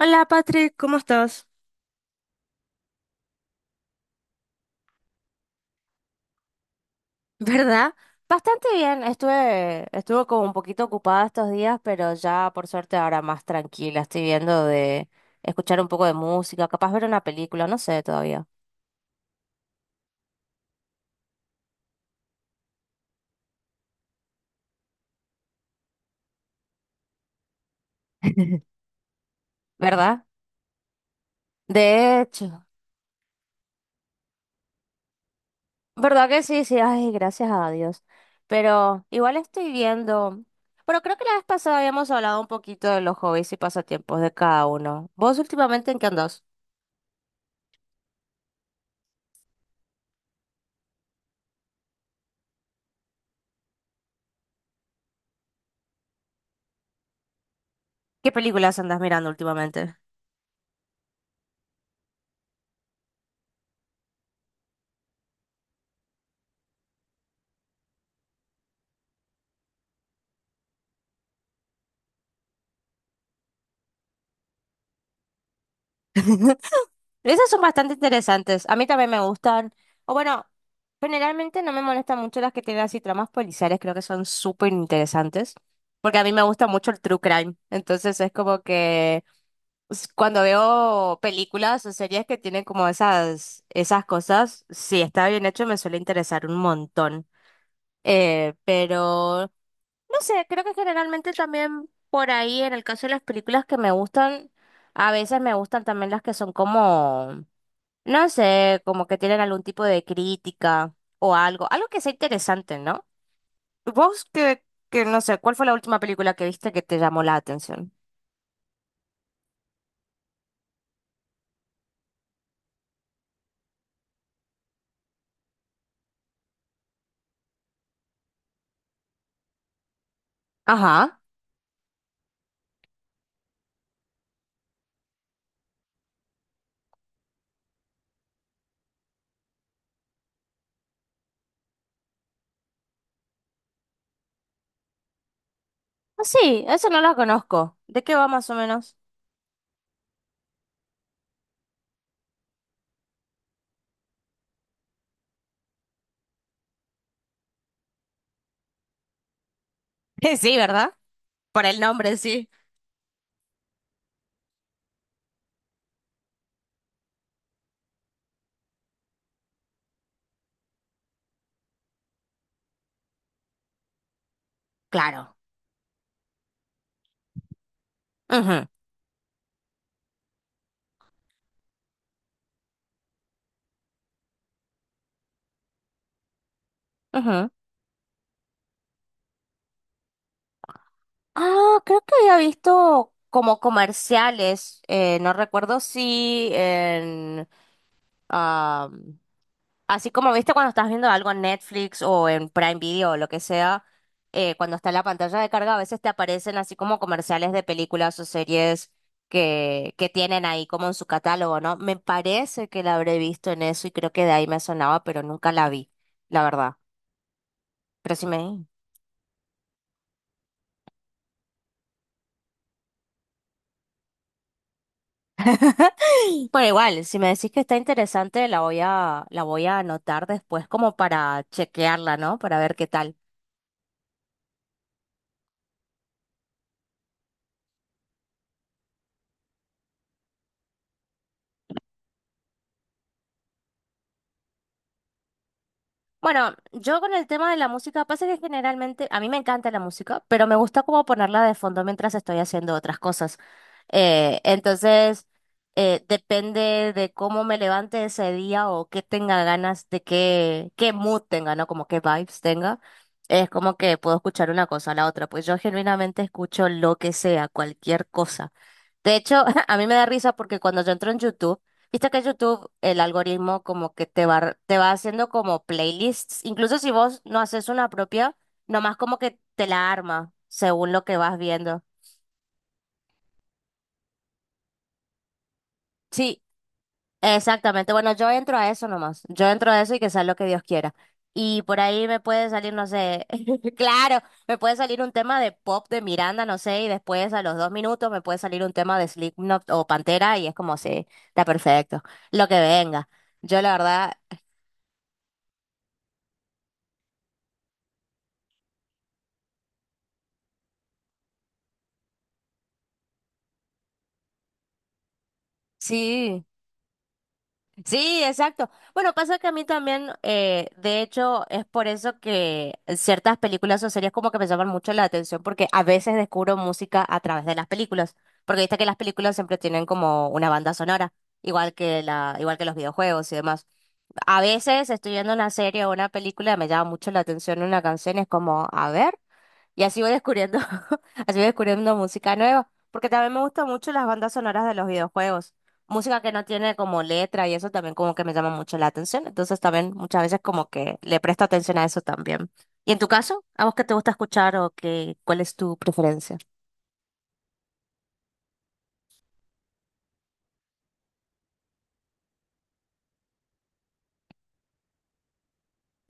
Hola Patrick, ¿cómo estás? ¿Verdad? Bastante bien. Estuve como un poquito ocupada estos días, pero ya por suerte ahora más tranquila. Estoy viendo de escuchar un poco de música, capaz ver una película, no sé todavía. ¿Verdad? De hecho, ¿verdad que sí? Sí, ay, gracias a Dios. Pero igual estoy viendo. Pero creo que la vez pasada habíamos hablado un poquito de los hobbies y pasatiempos de cada uno. ¿Vos últimamente en qué andás? ¿Qué películas andás mirando últimamente? Esas son bastante interesantes. A mí también me gustan. O bueno, generalmente no me molestan mucho las que tienen así tramas policiales. Creo que son súper interesantes. Porque a mí me gusta mucho el true crime. Entonces es como que s- cuando veo películas o series que tienen como esas, cosas, si está bien hecho me suele interesar un montón. Pero no sé, creo que generalmente también por ahí, en el caso de las películas que me gustan, a veces me gustan también las que son como... No sé, como que tienen algún tipo de crítica o algo, que sea interesante, ¿no? Vos que, que no sé, ¿cuál fue la última película que viste que te llamó la atención? Ajá. Ah, sí, eso no la conozco. ¿De qué va más o menos? Sí, ¿verdad? Por el nombre, sí. Claro. Ujú, ujú. Ah, creo que había visto como comerciales, no recuerdo si en... Así como viste cuando estás viendo algo en Netflix o en Prime Video o lo que sea, cuando está en la pantalla de carga, a veces te aparecen así como comerciales de películas o series que tienen ahí como en su catálogo, ¿no? Me parece que la habré visto en eso y creo que de ahí me sonaba, pero nunca la vi, la verdad. Pero si me... Bueno, igual, si me decís que está interesante, la voy a anotar después como para chequearla, ¿no? Para ver qué tal. Bueno, yo con el tema de la música, pasa que generalmente a mí me encanta la música, pero me gusta como ponerla de fondo mientras estoy haciendo otras cosas. Entonces, depende de cómo me levante ese día o qué tenga ganas de qué, qué mood tenga, ¿no? Como qué vibes tenga. Es como que puedo escuchar una cosa a la otra, pues yo genuinamente escucho lo que sea, cualquier cosa. De hecho, a mí me da risa porque cuando yo entro en YouTube, viste que YouTube, el algoritmo como que te va haciendo como playlists, incluso si vos no haces una propia, nomás como que te la arma según lo que vas viendo. Sí, exactamente. Bueno, yo entro a eso nomás. Yo entro a eso y que sea lo que Dios quiera. Y por ahí me puede salir, no sé, claro, me puede salir un tema de pop de Miranda, no sé, y después a los dos minutos me puede salir un tema de Slipknot o Pantera y es como, sí, está perfecto, lo que venga. Yo la verdad, sí. Sí, exacto. Bueno, pasa que a mí también, de hecho, es por eso que ciertas películas o series como que me llaman mucho la atención, porque a veces descubro música a través de las películas, porque viste que las películas siempre tienen como una banda sonora, igual que los videojuegos y demás. A veces estoy viendo una serie o una película, me llama mucho la atención una canción, es como, a ver. Y así voy descubriendo, así voy descubriendo música nueva, porque también me gustan mucho las bandas sonoras de los videojuegos. Música que no tiene como letra y eso también como que me llama mucho la atención. Entonces también muchas veces como que le presto atención a eso también. ¿Y en tu caso? ¿A vos qué te gusta escuchar cuál es tu preferencia?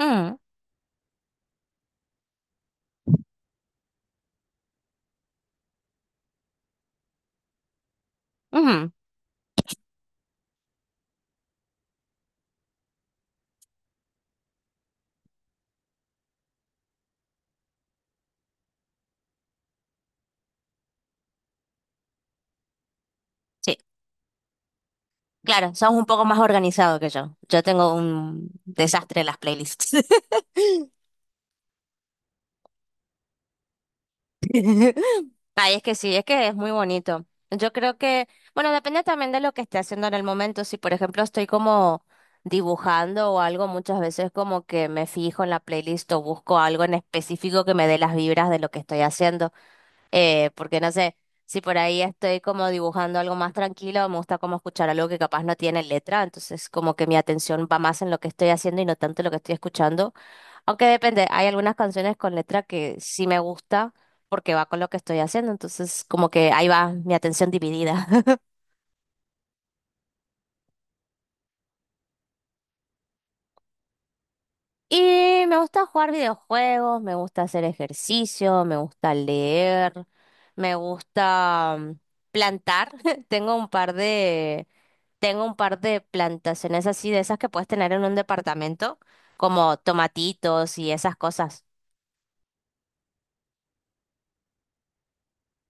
Mm, ujú, sí, claro, sos un poco más organizado que yo. Yo tengo un desastre en las playlists. Ay, es que sí, es que es muy bonito. Yo creo que, bueno, depende también de lo que esté haciendo en el momento. Si, por ejemplo, estoy como dibujando o algo, muchas veces como que me fijo en la playlist o busco algo en específico que me dé las vibras de lo que estoy haciendo. Porque no sé, si por ahí estoy como dibujando algo más tranquilo, me gusta como escuchar algo que capaz no tiene letra, entonces como que mi atención va más en lo que estoy haciendo y no tanto en lo que estoy escuchando. Aunque depende, hay algunas canciones con letra que sí me gusta porque va con lo que estoy haciendo, entonces como que ahí va mi atención dividida. Y me gusta jugar videojuegos, me gusta hacer ejercicio, me gusta leer, me gusta plantar. Tengo un par de Tengo un par de plantaciones así, de esas que puedes tener en un departamento, como tomatitos y esas cosas.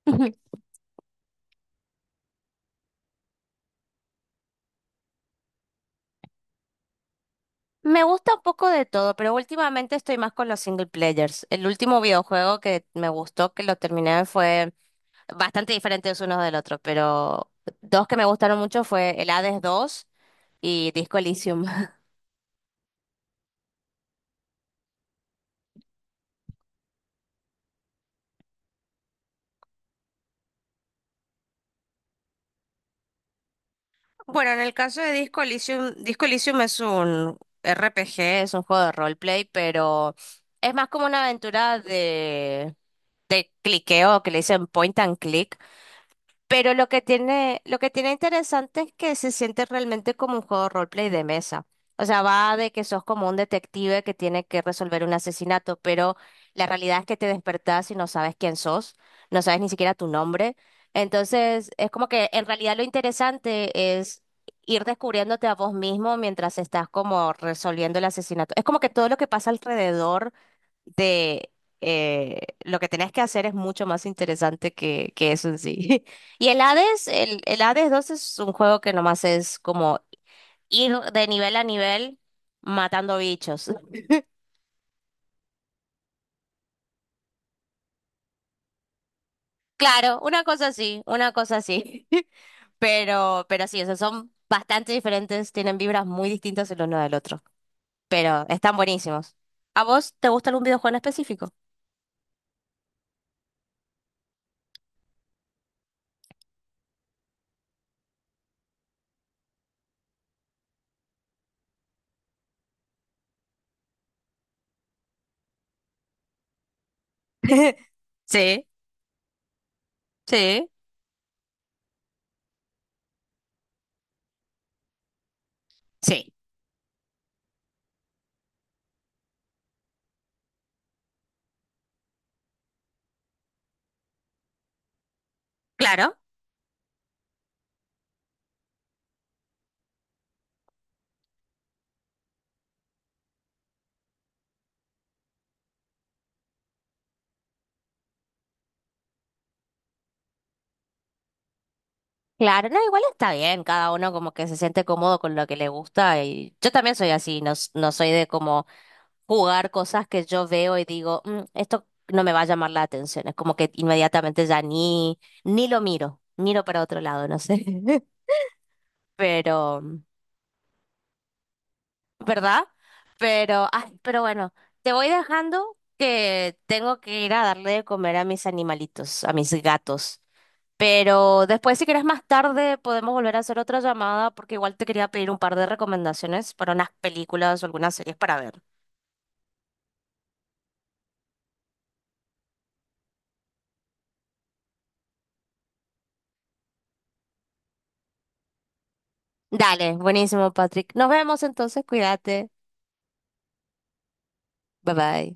Me gusta un poco de todo, pero últimamente estoy más con los single players. El último videojuego que me gustó, que lo terminé, fue bastante diferentes unos del otro, pero dos que me gustaron mucho fue el Hades 2 y Disco Elysium. Bueno, en el caso de Disco Elysium, Disco Elysium es un RPG, es un juego de roleplay, pero es más como una aventura de cliqueo, que le dicen point and click, pero lo que tiene interesante es que se siente realmente como un juego roleplay de mesa. O sea, va de que sos como un detective que tiene que resolver un asesinato, pero la realidad es que te despertás y no sabes quién sos, no sabes ni siquiera tu nombre. Entonces, es como que en realidad lo interesante es ir descubriéndote a vos mismo mientras estás como resolviendo el asesinato. Es como que todo lo que pasa alrededor de eh, lo que tenés que hacer es mucho más interesante que eso en sí. Y el Hades, el Hades 2 es un juego que nomás es como ir de nivel a nivel matando bichos. Claro, una cosa así, una cosa así. Pero sí, o sea, son bastante diferentes, tienen vibras muy distintas el uno del otro, pero están buenísimos. ¿A vos te gusta algún videojuego en específico? Sí, sí, sí, claro. Claro, no, igual está bien, cada uno como que se siente cómodo con lo que le gusta y yo también soy así, no, s- no soy de como jugar cosas que yo veo y digo, "Mm, esto no me va a llamar la atención, es como que inmediatamente ya ni lo miro, miro para otro lado, no sé, pero, ¿verdad? Pero, ay, pero bueno, te voy dejando que tengo que ir a darle de comer a mis animalitos, a mis gatos. Pero después, si querés más tarde, podemos volver a hacer otra llamada porque igual te quería pedir un par de recomendaciones para unas películas o algunas series para ver. Dale, buenísimo, Patrick. Nos vemos entonces, cuídate. Bye bye.